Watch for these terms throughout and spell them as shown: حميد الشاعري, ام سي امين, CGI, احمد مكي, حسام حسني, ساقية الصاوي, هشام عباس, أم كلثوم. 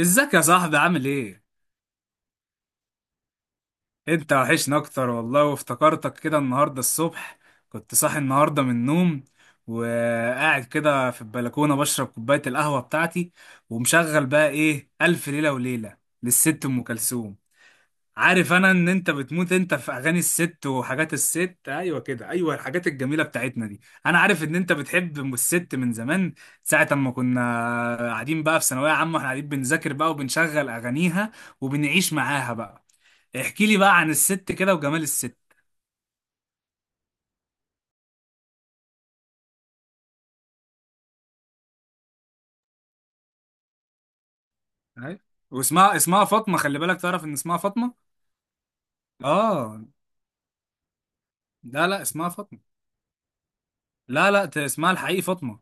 ازيك يا صاحبي عامل ايه؟ انت وحشنا اكتر والله، وافتكرتك كده النهارده الصبح. كنت صاحي النهارده من النوم وقاعد كده في البلكونه بشرب كوبايه القهوه بتاعتي، ومشغل بقى ايه، الف ليله وليله للست ام كلثوم. عارف انا ان انت بتموت انت في اغاني الست وحاجات الست، ايوه كده، ايوه الحاجات الجميله بتاعتنا دي. انا عارف ان انت بتحب ام الست من زمان، ساعه اما كنا قاعدين بقى في ثانويه عامه، احنا قاعدين بنذاكر بقى وبنشغل اغانيها وبنعيش معاها بقى. احكي لي بقى عن الست كده وجمال الست. أيوة. واسمها اسمها فاطمة، خلي بالك تعرف ان اسمها فاطمة. اه. لا لا، اسمها فاطمة. لا لا، اسمها الحقيقي فاطمة.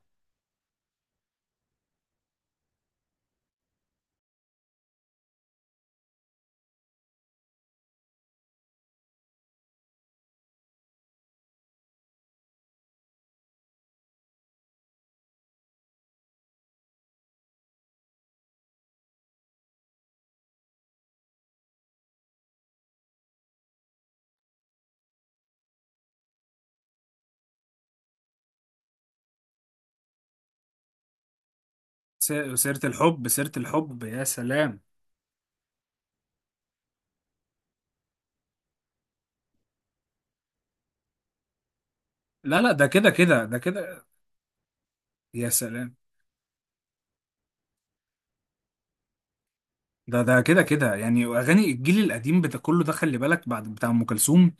سيرة الحب، سيرة الحب، يا سلام. لا لا، ده كده كده، ده كده، يا سلام. ده ده كده كده، يعني اغاني الجيل القديم بتاع كله ده، خلي بالك بعد بتاع ام كلثوم،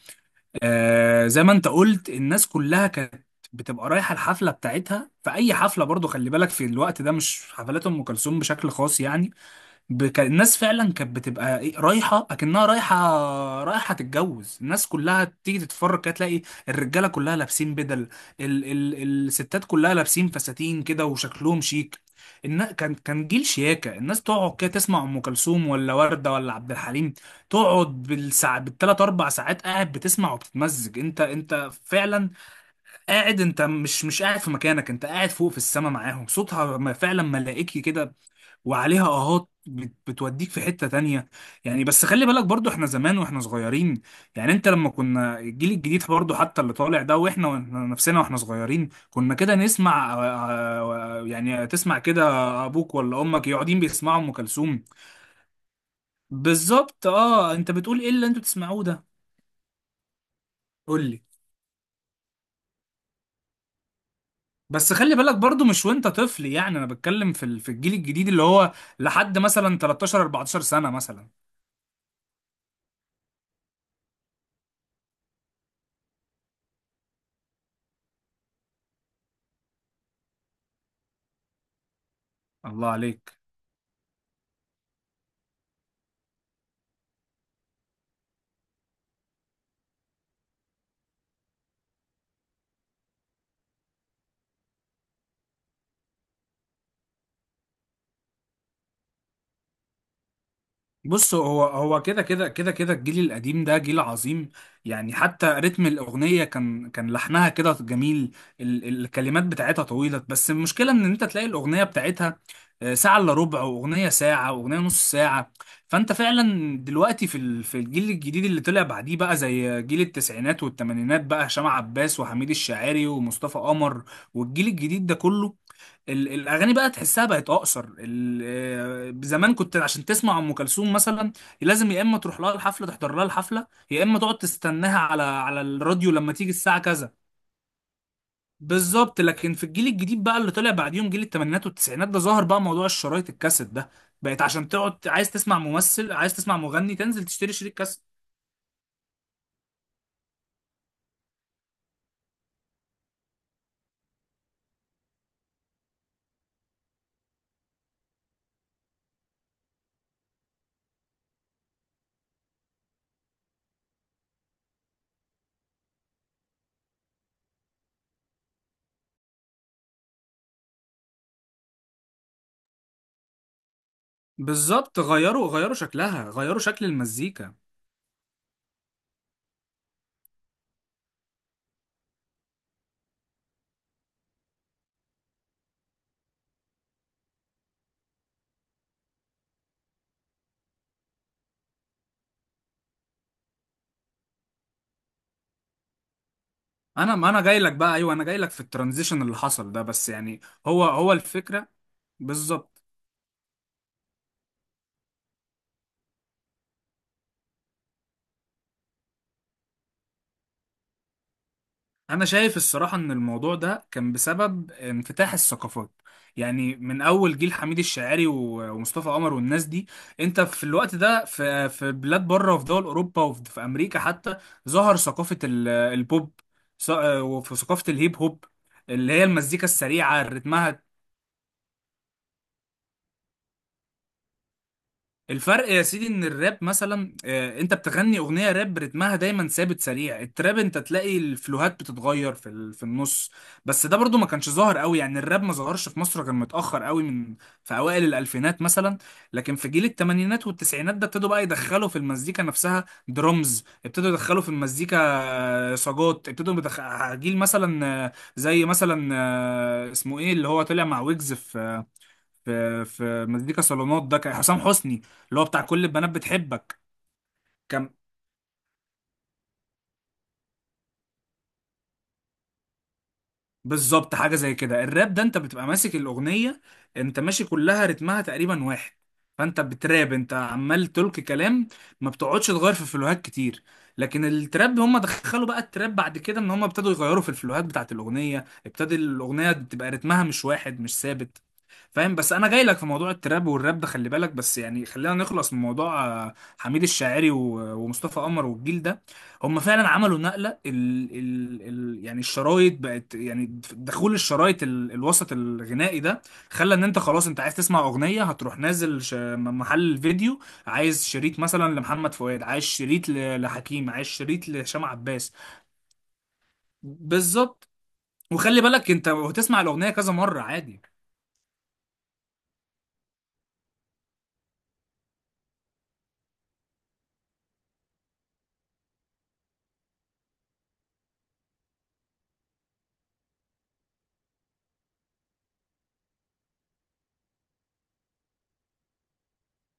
زي ما انت قلت، الناس كلها كانت بتبقى رايحه الحفله بتاعتها. في اي حفله برضو خلي بالك في الوقت ده، مش حفلات ام كلثوم بشكل خاص يعني. الناس فعلا كانت بتبقى رايحه، اكنها رايحه، رايحه تتجوز. الناس كلها تيجي تتفرج كده تلاقي الرجاله كلها لابسين بدل، الستات كلها لابسين فساتين كده وشكلهم شيك. كان كان جيل شياكه، الناس تقعد كده تسمع ام كلثوم ولا ورده ولا عبد الحليم، تقعد بالساعة، بالثلاث اربع ساعات قاعد بتسمع وبتتمزج. انت انت فعلا قاعد، انت مش قاعد في مكانك، انت قاعد فوق في السما معاهم. صوتها فعلا ملائكي كده، وعليها اهات بتوديك في حتة تانية يعني. بس خلي بالك برضو احنا زمان واحنا صغيرين، يعني انت لما كنا الجيل الجديد برضو، حتى اللي طالع ده، واحنا نفسنا واحنا صغيرين كنا كده نسمع يعني تسمع كده ابوك ولا امك يقعدين بيسمعوا ام كلثوم. بالظبط، اه، انت بتقول ايه اللي انتوا بتسمعوه ده؟ قول لي. بس خلي بالك برضو مش وانت طفل يعني، انا بتكلم في في الجيل الجديد اللي هو لحد مثلا 13 14 سنة مثلا. الله عليك. بص، هو كده كده كده كده، الجيل القديم ده جيل عظيم. يعني حتى رتم الأغنية كان لحنها كده جميل، الكلمات بتاعتها طويلة. بس المشكلة إن أنت تلاقي الأغنية بتاعتها ساعة إلا ربع، وأغنية ساعة، وأغنية نص ساعة. فأنت فعلا دلوقتي في في الجيل الجديد اللي طلع بعديه بقى، زي جيل التسعينات والثمانينات، بقى هشام عباس وحميد الشاعري ومصطفى قمر والجيل الجديد ده كله، الاغاني بقى تحسها بقت اقصر. زمان كنت عشان تسمع ام كلثوم مثلا لازم يا اما تروح لها الحفله، تحضر لها الحفله، يا اما تقعد تستناها على على الراديو لما تيجي الساعه كذا. بالظبط، لكن في الجيل الجديد بقى اللي طلع بعديهم، جيل الثمانينات والتسعينات ده، ظهر بقى موضوع الشرايط، الكاسيت ده، بقت عشان تقعد عايز تسمع ممثل، عايز تسمع مغني، تنزل تشتري شريط كاسيت. بالظبط، غيروا، غيروا شكلها، غيروا شكل المزيكا. انا، ما انا جاي لك بقى، ايوه انا جاي لك في الترانزيشن اللي حصل ده بس يعني. هو هو الفكره، بالظبط. انا شايف الصراحه ان الموضوع ده كان بسبب انفتاح الثقافات، يعني من اول جيل حميد الشاعري ومصطفى قمر والناس دي. انت في الوقت ده في في بلاد بره، وفي دول اوروبا، وفي في امريكا حتى، ظهر ثقافه البوب، ث- وفي ثقافه الهيب هوب، اللي هي المزيكا السريعه رتمها. الفرق يا سيدي ان الراب مثلا، انت بتغني اغنيه راب رتمها دايما ثابت سريع. التراب انت تلاقي الفلوهات بتتغير في في النص. بس ده برضو ما كانش ظاهر قوي يعني، الراب ما ظهرش في مصر غير متاخر قوي، من في اوائل الالفينات مثلا. لكن في جيل الثمانينات والتسعينات ده ابتدوا بقى يدخلوا في المزيكا نفسها درمز، ابتدوا يدخلوا في المزيكا صاجات، ابتدوا جيل مثلا، زي مثلا، اسمه ايه اللي هو طلع مع ويجز في في في مزيكا صالونات، ده كان حسام حسني، اللي هو بتاع كل البنات بتحبك. كان بالظبط حاجه زي كده. الراب ده انت بتبقى ماسك الاغنيه، انت ماشي كلها رتمها تقريبا واحد، فانت بتراب، انت عمال تلقي كلام، ما بتقعدش تغير في الفلوهات كتير. لكن التراب، هم دخلوا بقى التراب بعد كده ان هم ابتدوا يغيروا في الفلوهات بتاعت الاغنيه، ابتدى الاغنيه تبقى رتمها مش واحد، مش ثابت. فاهم؟ بس انا جاي لك في موضوع التراب والراب ده خلي بالك، بس يعني خلينا نخلص من موضوع حميد الشاعري ومصطفى قمر والجيل ده. هم فعلا عملوا نقلة، ال ال ال يعني الشرايط بقت، يعني دخول الشرايط ال الوسط الغنائي ده خلى ان انت خلاص انت عايز تسمع اغنية، هتروح نازل محل الفيديو، عايز شريط مثلا لمحمد فؤاد، عايز شريط لحكيم، عايز شريط لهشام عباس. بالظبط، وخلي بالك انت هتسمع الاغنية كذا مرة عادي.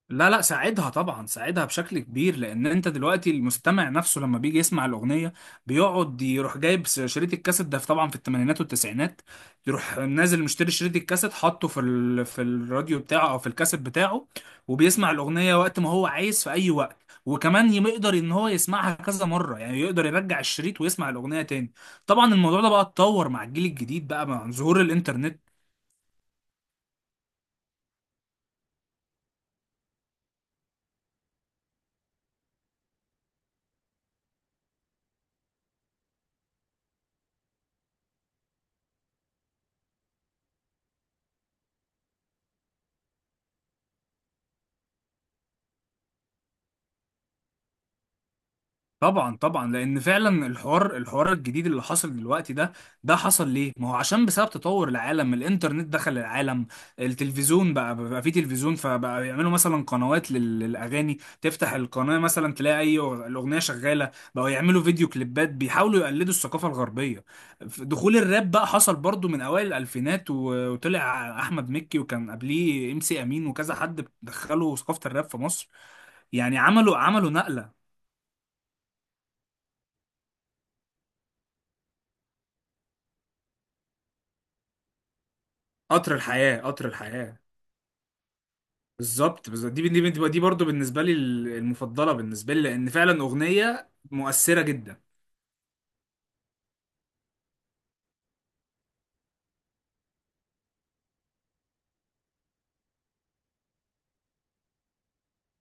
لا لا، ساعدها طبعا، ساعدها بشكل كبير، لان انت دلوقتي المستمع نفسه لما بيجي يسمع الاغنيه، بيقعد يروح جايب شريط الكاسيت ده طبعا في الثمانينات والتسعينات، يروح نازل مشتري شريط الكاسيت، حاطه في في الراديو بتاعه او في الكاسيت بتاعه، وبيسمع الاغنيه وقت ما هو عايز في اي وقت، وكمان يقدر ان هو يسمعها كذا مره، يعني يقدر يرجع الشريط ويسمع الاغنيه تاني. طبعا الموضوع ده بقى اتطور مع الجيل الجديد بقى مع ظهور الانترنت. طبعا طبعا، لان فعلا الحوار، الجديد اللي حصل دلوقتي ده، ده حصل ليه؟ ما هو عشان بسبب تطور العالم، الانترنت دخل العالم، التلفزيون بقى، بقى في تلفزيون، فبقى يعملوا مثلا قنوات للاغاني، تفتح القناه مثلا تلاقي اي الاغنيه شغاله، بقوا يعملوا فيديو كليبات، بيحاولوا يقلدوا الثقافه الغربيه. دخول الراب بقى حصل برضو من اوائل الالفينات، وطلع احمد مكي، وكان قبليه ام سي امين وكذا حد دخلوا ثقافه الراب في مصر، يعني عملوا نقله. قطر الحياة، قطر الحياة، بالظبط بالظبط، دي برضه بالنسبة لي المفضلة بالنسبة لي، لأن فعلا أغنية مؤثرة جدا.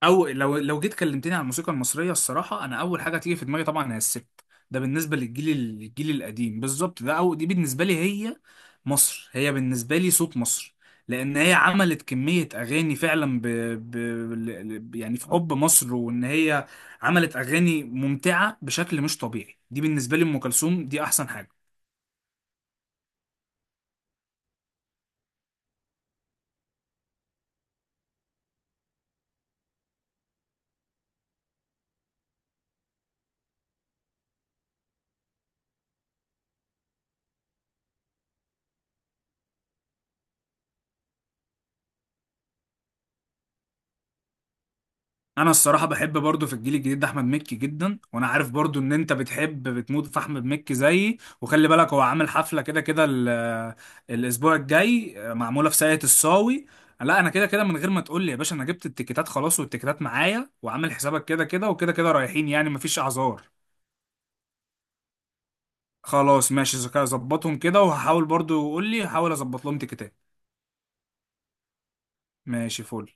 أو لو لو جيت كلمتني عن الموسيقى المصرية، الصراحة أنا أول حاجة تيجي في دماغي طبعا هي الست. ده بالنسبة للجيل، الجيل القديم بالظبط، ده أو دي بالنسبة لي، هي مصر، هي بالنسبة لي صوت مصر، لأن هي عملت كمية أغاني فعلا ب... يعني في حب مصر، وإن هي عملت أغاني ممتعة بشكل مش طبيعي. دي بالنسبة لي أم كلثوم، دي أحسن حاجة. انا الصراحه بحب برضو في الجيل الجديد ده احمد مكي جدا، وانا عارف برضو ان انت بتحب بتموت في احمد مكي زيي. وخلي بالك هو عامل حفله كده كده، الاسبوع الجاي، معموله في ساقية الصاوي. لا انا كده كده من غير ما تقول لي يا باشا، انا جبت التيكيتات خلاص، والتيكيتات معايا، وعامل حسابك كده كده، وكده كده رايحين يعني، مفيش اعذار. خلاص ماشي، اذا كده ظبطهم كده، وهحاول برضو، قول لي، هحاول اظبط لهم تيكيتات. ماشي، فل.